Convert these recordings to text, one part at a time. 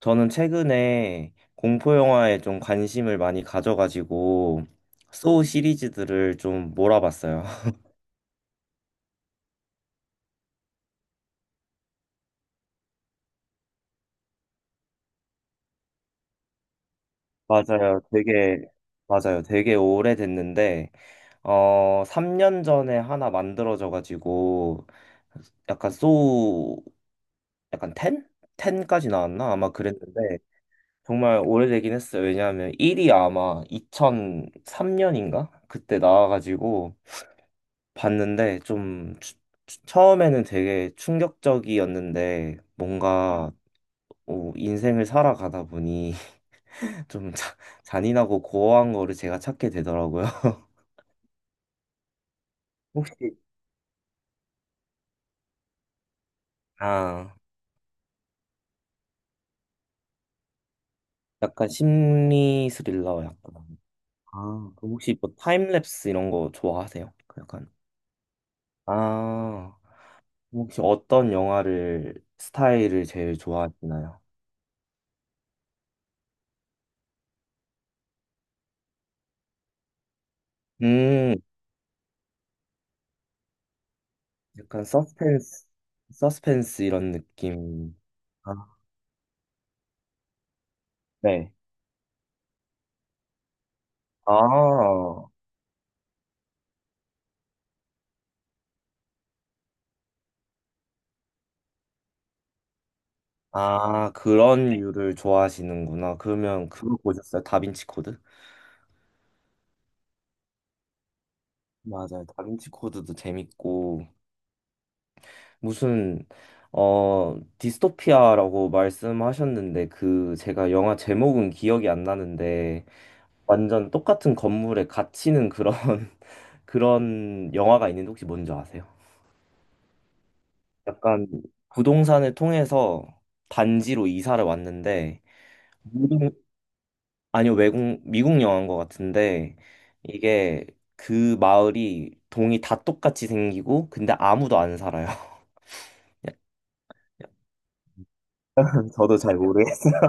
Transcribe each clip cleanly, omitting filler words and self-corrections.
저는 최근에 공포 영화에 좀 관심을 많이 가져가지고 소우 시리즈들을 좀 몰아봤어요. 맞아요. 되게 오래됐는데 3년 전에 하나 만들어져 가지고 약간 소우, 약간 10? 10까지 나왔나? 아마 그랬는데 정말 오래되긴 했어요. 왜냐하면 1이 아마 2003년인가? 그때 나와 가지고 봤는데 처음에는 되게 충격적이었는데 뭔가 인생을 살아가다 보니 좀 자- 잔인하고 고어한 거를 제가 찾게 되더라고요. 혹시 아, 약간 심리 스릴러 약간. 아, 그럼 혹시 뭐 타임랩스 이런 거 좋아하세요? 약간 아, 혹시 어떤 영화를 스타일을 제일 좋아하시나요? 음, 약간 서스펜스 이런 느낌. 아, 네. 아, 아, 그런 류를 좋아하시는구나. 그러면 그거 보셨어요? 다빈치 코드? 맞아요. 다빈치 코드도 재밌고, 무슨, 어, 디스토피아라고 말씀하셨는데, 그, 제가 영화 제목은 기억이 안 나는데, 완전 똑같은 건물에 갇히는 그런, 그런 영화가 있는데, 혹시 뭔지 아세요? 약간 부동산을 통해서 단지로 이사를 왔는데, 모든, 아니요, 외국, 미국 영화인 것 같은데, 이게 그 마을이 동이 다 똑같이 생기고, 근데 아무도 안 살아요. 저도 잘 모르겠어요.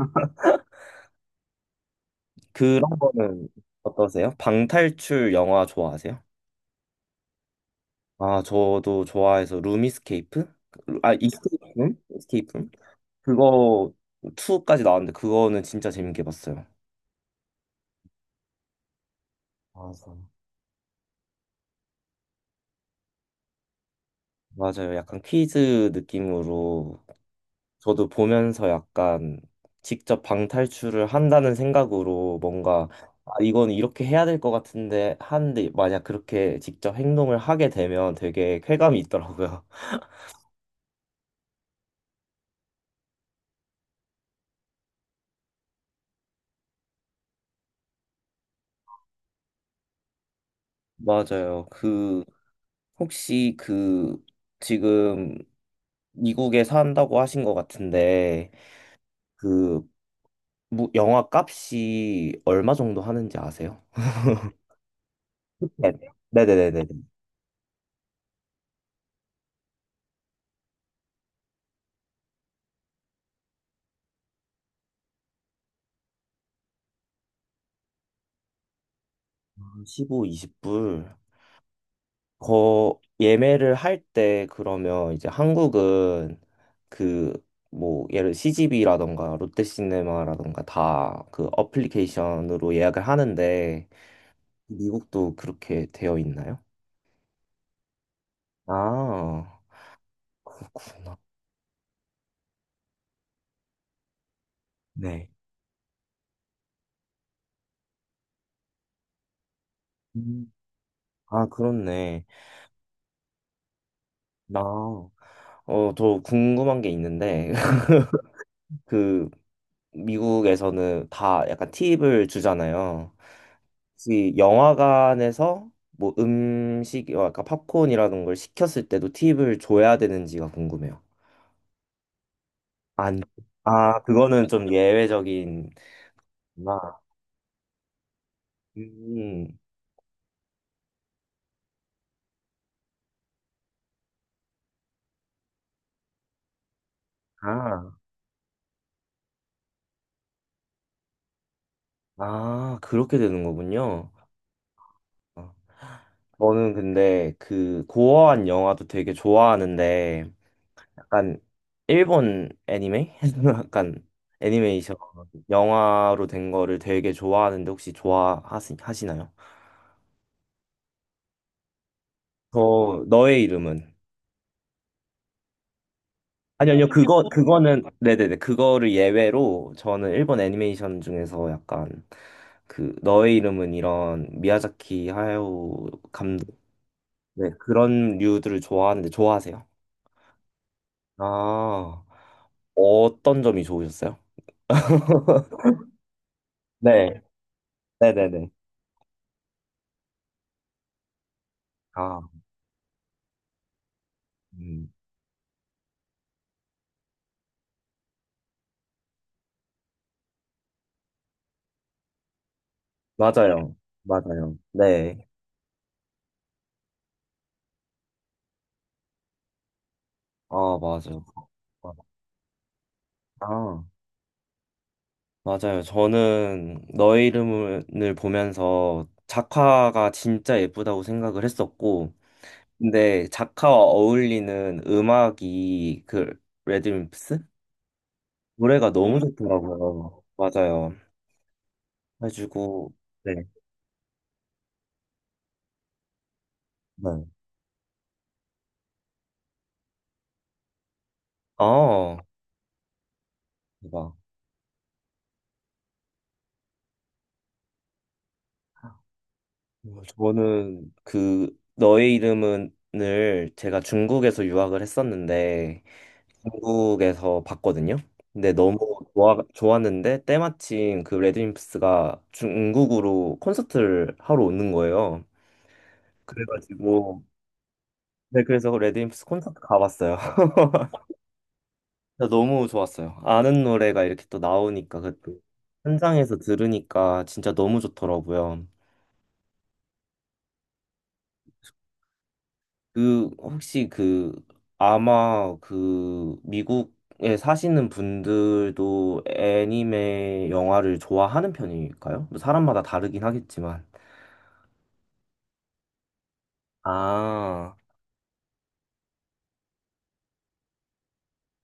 그런 거는 어떠세요? 방탈출 영화 좋아하세요? 아, 저도 좋아해서 룸이스케이프? 아, 이스케이프룸? 이스케이프룸? 그거 2까지 나왔는데, 그거는 진짜 재밌게 봤어요. 맞아. 맞아요. 약간 퀴즈 느낌으로. 저도 보면서 약간 직접 방탈출을 한다는 생각으로, 뭔가 아, 이건 이렇게 해야 될 것 같은데 하는데, 만약 그렇게 직접 행동을 하게 되면 되게 쾌감이 있더라고요. 맞아요. 그 혹시 그 지금 미국에 산다고 하신 것 같은데, 그 영화 값이 얼마 정도 하는지 아세요? 네. 네네네네. 15, 20불. 거 예매를 할 때 그러면 이제 한국은 그 뭐 예를 CGV라던가 롯데시네마라던가 다 그 어플리케이션으로 예약을 하는데, 미국도 그렇게 되어 있나요? 아, 그렇구나. 네. 음. 아, 그렇네. 나 더 궁금한 게 있는데, 그 미국에서는 다 약간 팁을 주잖아요. 혹시 영화관에서 뭐 음식, 아까 팝콘이라는 걸 시켰을 때도 팁을 줘야 되는지가 궁금해요. 안, 아, 그거는 좀 예외적인. 아, 음, 아, 아, 그렇게 되는 거군요. 아, 저는 근데 그 고어한 영화도 되게 좋아하는데, 약간 일본 애니메? 약간 애니메이션 영화로 된 거를 되게 좋아하는데, 혹시 좋아하시나요? 저, 너의 이름은? 아니요, 아니요, 그거, 그거는, 네네네, 그거를 예외로 저는 일본 애니메이션 중에서 약간 그, 너의 이름은 이런 미야자키 하야오 감독, 네, 그런 류들을 좋아하는데 좋아하세요? 아, 어떤 점이 좋으셨어요? 네, 네네네. 아, 음, 맞아요, 맞아요. 네, 아, 맞아요. 아, 맞아요. 저는 너의 이름을 보면서 작화가 진짜 예쁘다고 생각을 했었고, 근데 작가와 어울리는 음악이 그 레드wimps 노래가 너무 좋더라고요. 맞아요. 해가지고 네. 네. 아, 대박. 저는 그 너의 이름은을 제가 중국에서 유학을 했었는데 중국에서 봤거든요. 근데 너무 좋았는데 때마침 그 레드 w i 스가 중국으로 콘서트를 하러 오는 거예요. 그래가지고 네, 그래서 레드임프스 콘서트 가봤어요. 진짜 너무 좋았어요. 아는 노래가 이렇게 또 나오니까 그때 현장에서 들으니까 진짜 너무 좋더라고요. 그 혹시 그 아마 그 미국에 사시는 분들도 애니메 영화를 좋아하는 편일까요? 뭐 사람마다 다르긴 하겠지만. 아,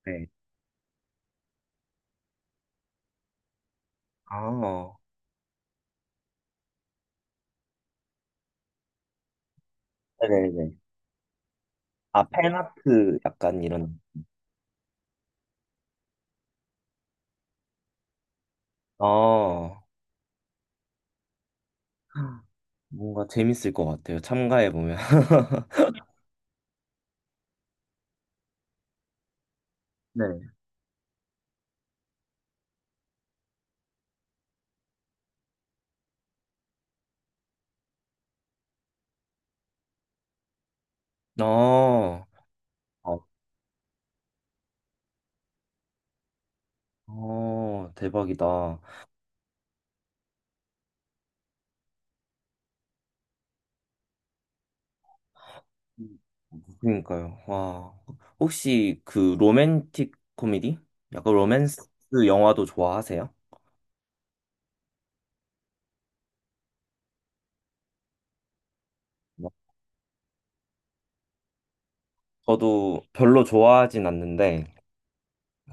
네. 아, 네네네. 아, 팬아트 약간 이런. 아, 뭔가 재밌을 것 같아요. 참가해보면. 네. 아, 아, 대박이다. 그러니까요. 와, 혹시 그 로맨틱 코미디? 약간 로맨스 영화도 좋아하세요? 뭐, 저도 별로 좋아하진 않는데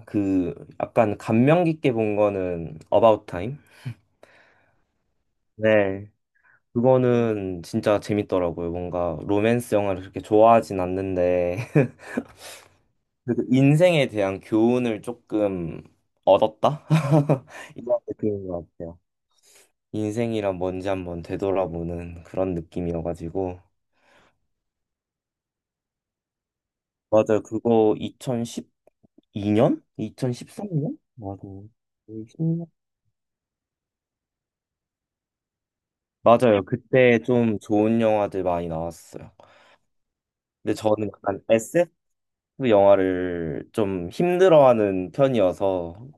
그 약간 감명 깊게 본 거는 About Time? 네. 그거는 진짜 재밌더라고요. 뭔가 로맨스 영화를 그렇게 좋아하진 않는데 그래도 인생에 대한 교훈을 조금 얻었다? 이런 느낌인 것 같아요. 인생이란 뭔지 한번 되돌아보는 그런 느낌이어가지고. 맞아요. 그거 2012년? 2013년? 맞아요. 거의 10년. 맞아요. 그때 좀 좋은 영화들 많이 나왔어요. 근데 저는 약간 SF 영화를 좀 힘들어하는 편이어서,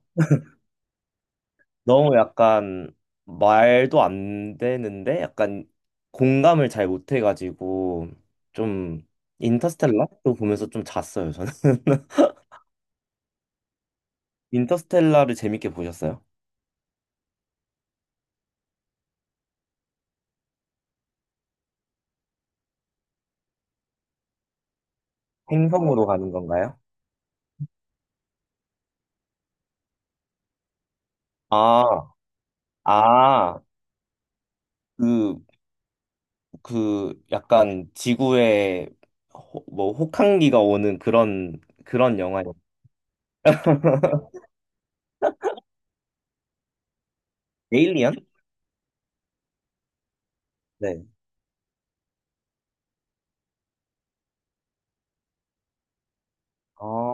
너무 약간 말도 안 되는데 약간 공감을 잘 못해가지고 좀 인터스텔라도 보면서 좀 잤어요. 인터스텔라를 재밌게 보셨어요? 행성으로 가는 건가요? 아, 아, 그, 그, 약간 지구에 뭐 혹한기가 오는 그런, 그런 영화예요. 에일리언? 네. 아,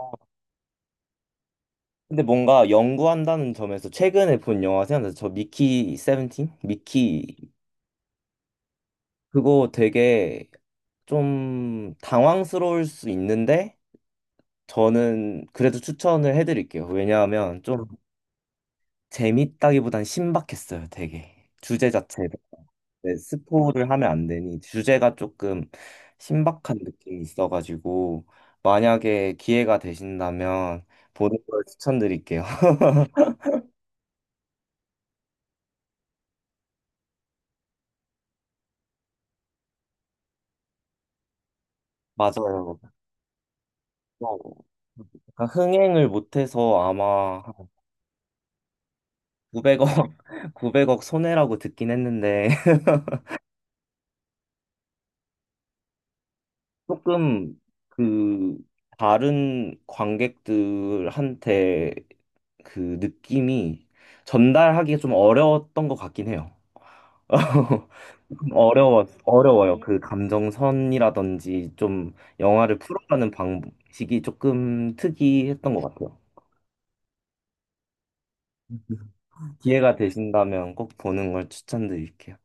근데 뭔가 연구한다는 점에서 최근에 본 영화 생각나서 저, 미키 세븐틴? 미키 그거 되게 좀 당황스러울 수 있는데, 저는 그래도 추천을 해드릴게요. 왜냐하면 좀 재밌다기보단 신박했어요, 되게. 주제 자체가. 네, 스포를 하면 안 되니 주제가 조금 신박한 느낌이 있어가지고, 만약에 기회가 되신다면 보는 걸 추천드릴게요. 맞아요. 어, 약간 흥행을 못해서 아마 900억, 900억 손해라고 듣긴 했는데, 조금 그 다른 관객들한테 그 느낌이 전달하기가 좀 어려웠던 것 같긴 해요. 조금 어려워요. 그 감정선이라든지 좀 영화를 풀어가는 방식이 조금 특이했던 것 같아요. 기회가 되신다면 꼭 보는 걸 추천드릴게요.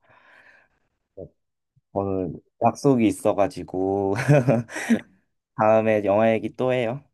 네, 오늘 약속이 있어가지고 다음에 영화 얘기 또 해요.